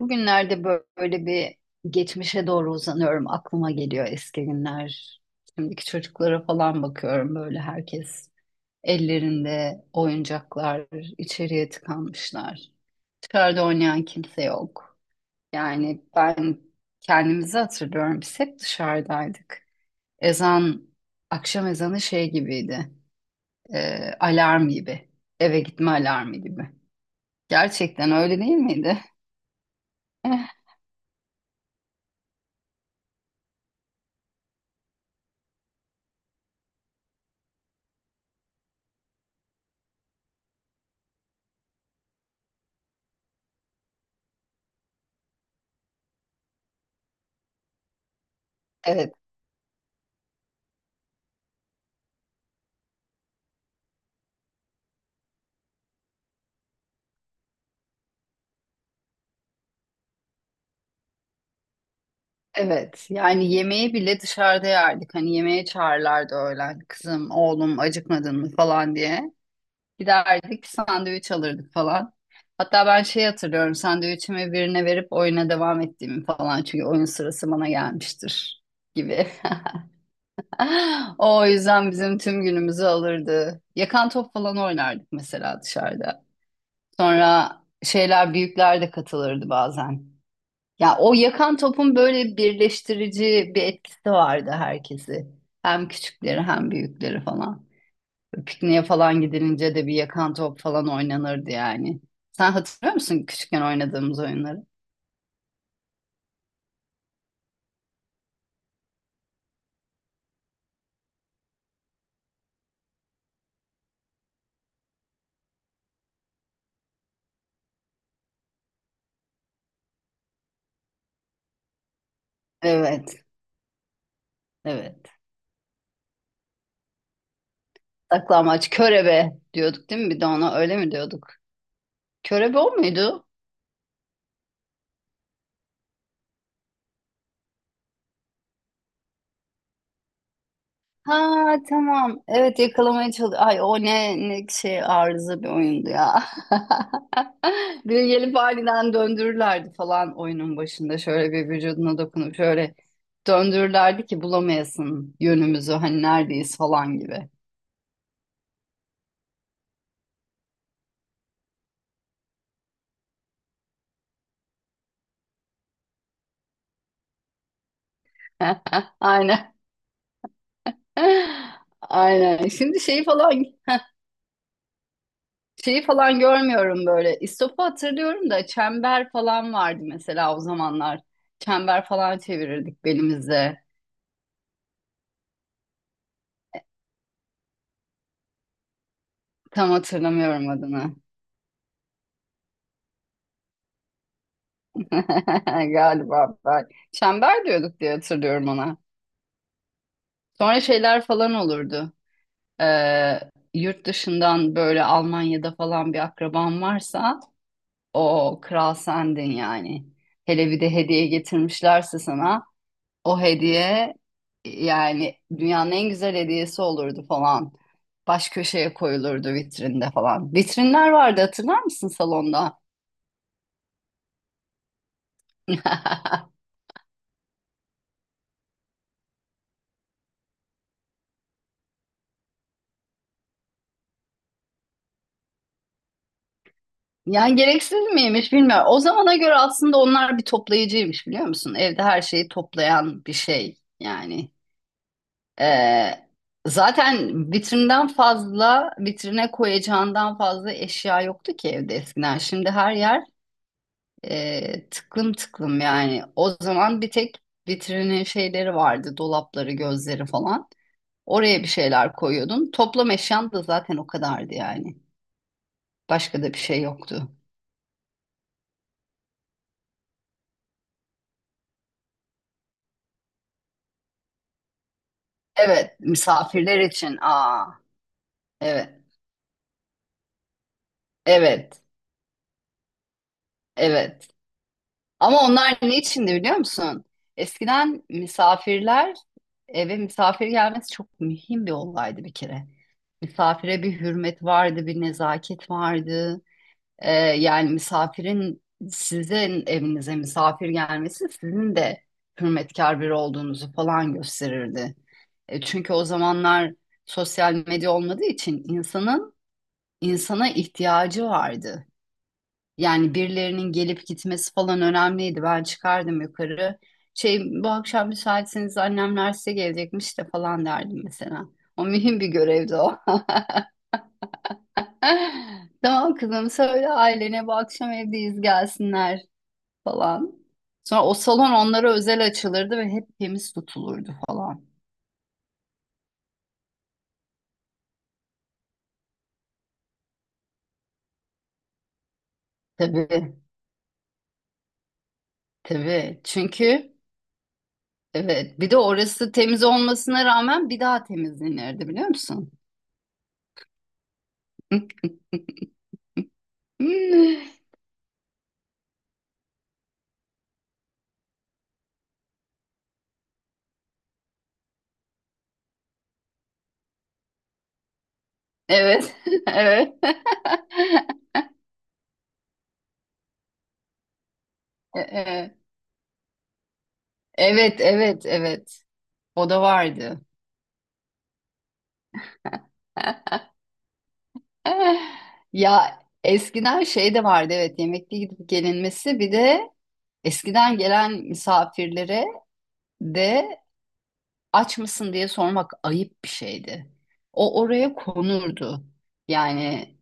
Bugünlerde böyle bir geçmişe doğru uzanıyorum. Aklıma geliyor eski günler. Şimdiki çocuklara falan bakıyorum böyle herkes ellerinde oyuncaklar içeriye tıkanmışlar. Dışarıda oynayan kimse yok. Yani ben kendimizi hatırlıyorum. Biz hep dışarıdaydık. Ezan, akşam ezanı şey gibiydi. Alarm gibi. Eve gitme alarmı gibi. Gerçekten öyle değil miydi? Evet. Evet, yani yemeği bile dışarıda yerdik. Hani yemeğe çağırlardı öğlen. Kızım, oğlum acıkmadın mı falan diye. Giderdik sandviç alırdık falan. Hatta ben şey hatırlıyorum sandviçimi birine verip oyuna devam ettiğimi falan. Çünkü oyun sırası bana gelmiştir gibi. O yüzden bizim tüm günümüzü alırdı. Yakan top falan oynardık mesela dışarıda. Sonra şeyler büyükler de katılırdı bazen. Ya o yakan topun böyle birleştirici bir etkisi vardı herkesi. Hem küçükleri hem büyükleri falan. Pikniğe falan gidilince de bir yakan top falan oynanırdı yani. Sen hatırlıyor musun küçükken oynadığımız oyunları? Evet, evet. Saklambaç, körebe diyorduk değil mi? Bir de ona öyle mi diyorduk? Körebe o muydu? Ha tamam. Evet yakalamaya çalış. Ay o ne şey arıza bir oyundu ya. Bir de gelip aniden döndürürlerdi falan oyunun başında. Şöyle bir vücuduna dokunup şöyle döndürürlerdi ki bulamayasın yönümüzü hani neredeyiz falan gibi. Aynen. Aynen. Şimdi şeyi falan görmüyorum böyle. İstop'u hatırlıyorum da çember falan vardı mesela o zamanlar. Çember falan çevirirdik belimizde. Tam hatırlamıyorum adını. Galiba ben. Çember diyorduk diye hatırlıyorum ona. Sonra şeyler falan olurdu. Ee, Yurt dışından böyle Almanya'da falan bir akraban varsa o kral sendin yani. Hele bir de hediye getirmişlerse sana o hediye yani dünyanın en güzel hediyesi olurdu falan. Baş köşeye koyulurdu vitrinde falan. Vitrinler vardı hatırlar mısın salonda? Yani gereksiz miymiş bilmiyorum. O zamana göre aslında onlar bir toplayıcıymış biliyor musun? Evde her şeyi toplayan bir şey yani. Ee, Zaten vitrinden fazla, vitrine koyacağından fazla eşya yoktu ki evde eskiden. Şimdi her yer tıklım tıklım yani. O zaman bir tek vitrinin şeyleri vardı, dolapları, gözleri falan. Oraya bir şeyler koyuyordun. Toplam eşyan da zaten o kadardı yani. Başka da bir şey yoktu. Evet, misafirler için. Aa, evet, evet, evet. Ama onlar ne içindi biliyor musun? Eskiden misafirler eve misafir gelmesi çok mühim bir olaydı bir kere. Misafire bir hürmet vardı, bir nezaket vardı. Yani misafirin sizin evinize misafir gelmesi sizin de hürmetkar biri olduğunuzu falan gösterirdi. Çünkü o zamanlar sosyal medya olmadığı için insanın insana ihtiyacı vardı. Yani birilerinin gelip gitmesi falan önemliydi. Ben çıkardım yukarı. Şey bu akşam müsaitseniz annemler size gelecekmiş de falan derdim mesela. O mühim bir görevdi o. Tamam kızım söyle ailene bu akşam evdeyiz gelsinler falan. Sonra o salon onlara özel açılırdı ve hep temiz tutulurdu falan. Tabii tabii çünkü evet bir de orası temiz olmasına rağmen bir daha temizlenirdi biliyor musun? Evet. Evet. E- e- Evet, evet, evet. O da vardı. Ya eskiden şey de vardı evet yemekli gidip gelinmesi bir de eskiden gelen misafirlere de aç mısın diye sormak ayıp bir şeydi. O oraya konurdu. Yani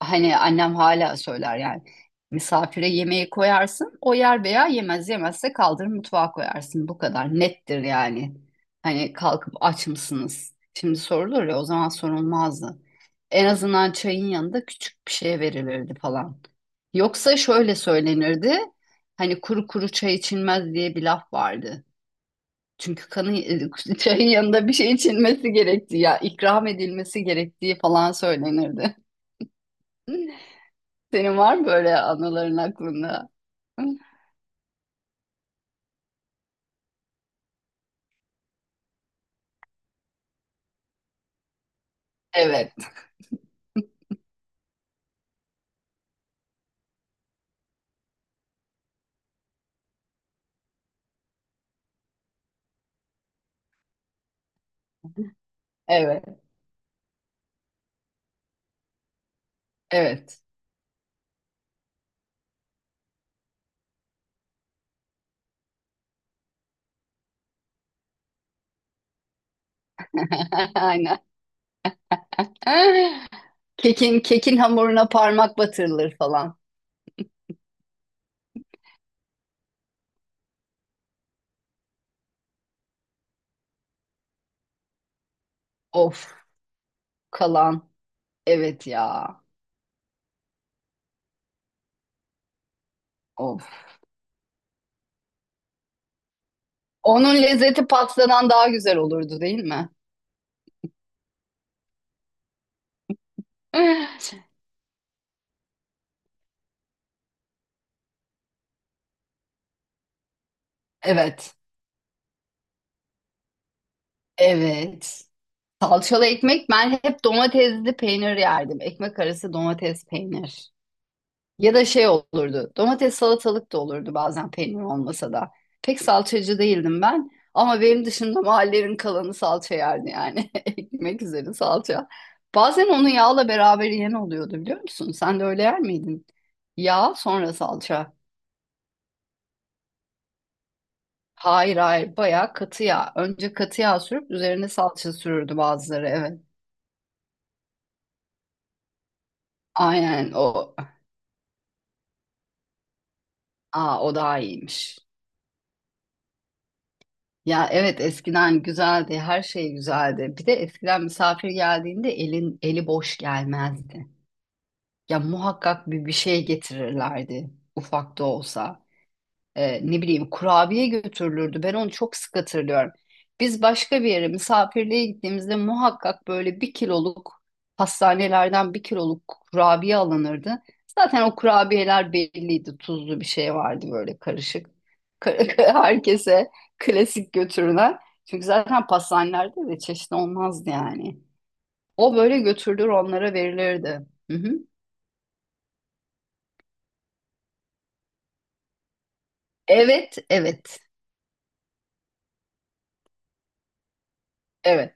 hani annem hala söyler yani. Misafire yemeği koyarsın, o yer veya yemez. Yemezse kaldırır mutfağa koyarsın. Bu kadar nettir yani. Hani kalkıp aç mısınız? Şimdi sorulur ya o zaman sorulmazdı. En azından çayın yanında küçük bir şey verilirdi falan. Yoksa şöyle söylenirdi. Hani kuru kuru çay içilmez diye bir laf vardı. Çünkü kanın çayın yanında bir şey içilmesi gerektiği ya ikram edilmesi gerektiği falan söylenirdi. Senin var mı böyle anıların aklında? Evet, evet, evet. Aynen. Kekin hamuruna parmak batırılır falan. Of, kalan. Evet ya. Of. Onun lezzeti pastadan daha güzel olurdu değil mi? Evet, evet. Salçalı ekmek ben hep domatesli peynir yerdim. Ekmek arası domates peynir. Ya da şey olurdu. Domates salatalık da olurdu bazen peynir olmasa da. Pek salçacı değildim ben. Ama benim dışında mahallenin kalanı salça yerdi yani. Ekmek üzeri salça. Bazen onu yağla beraber yiyen oluyordu biliyor musun? Sen de öyle yer miydin? Yağ sonra salça. Hayır hayır bayağı katı yağ. Önce katı yağ sürüp üzerine salça sürürdü bazıları evet. Aynen o. Aa o daha iyiymiş. Ya evet eskiden güzeldi, her şey güzeldi. Bir de eskiden misafir geldiğinde elin eli boş gelmezdi. Ya muhakkak bir şey getirirlerdi, ufak da olsa ne bileyim kurabiye götürülürdü. Ben onu çok sık hatırlıyorum. Biz başka bir yere misafirliğe gittiğimizde muhakkak böyle bir kiloluk pastanelerden bir kiloluk kurabiye alınırdı. Zaten o kurabiyeler belliydi. Tuzlu bir şey vardı böyle karışık. Herkese klasik götürülen. Çünkü zaten pastanelerde de çeşitli olmazdı yani. O böyle götürülür onlara verilirdi. Hı hı. Evet, evet, evet.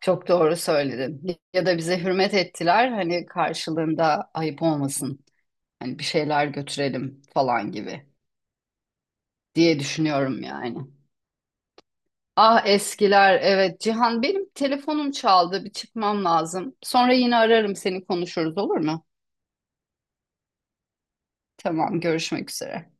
Çok doğru söyledin. Ya da bize hürmet ettiler hani karşılığında ayıp olmasın. Hani bir şeyler götürelim falan gibi diye düşünüyorum yani. Ah eskiler evet Cihan benim telefonum çaldı bir çıkmam lazım. Sonra yine ararım seni konuşuruz olur mu? Tamam görüşmek üzere.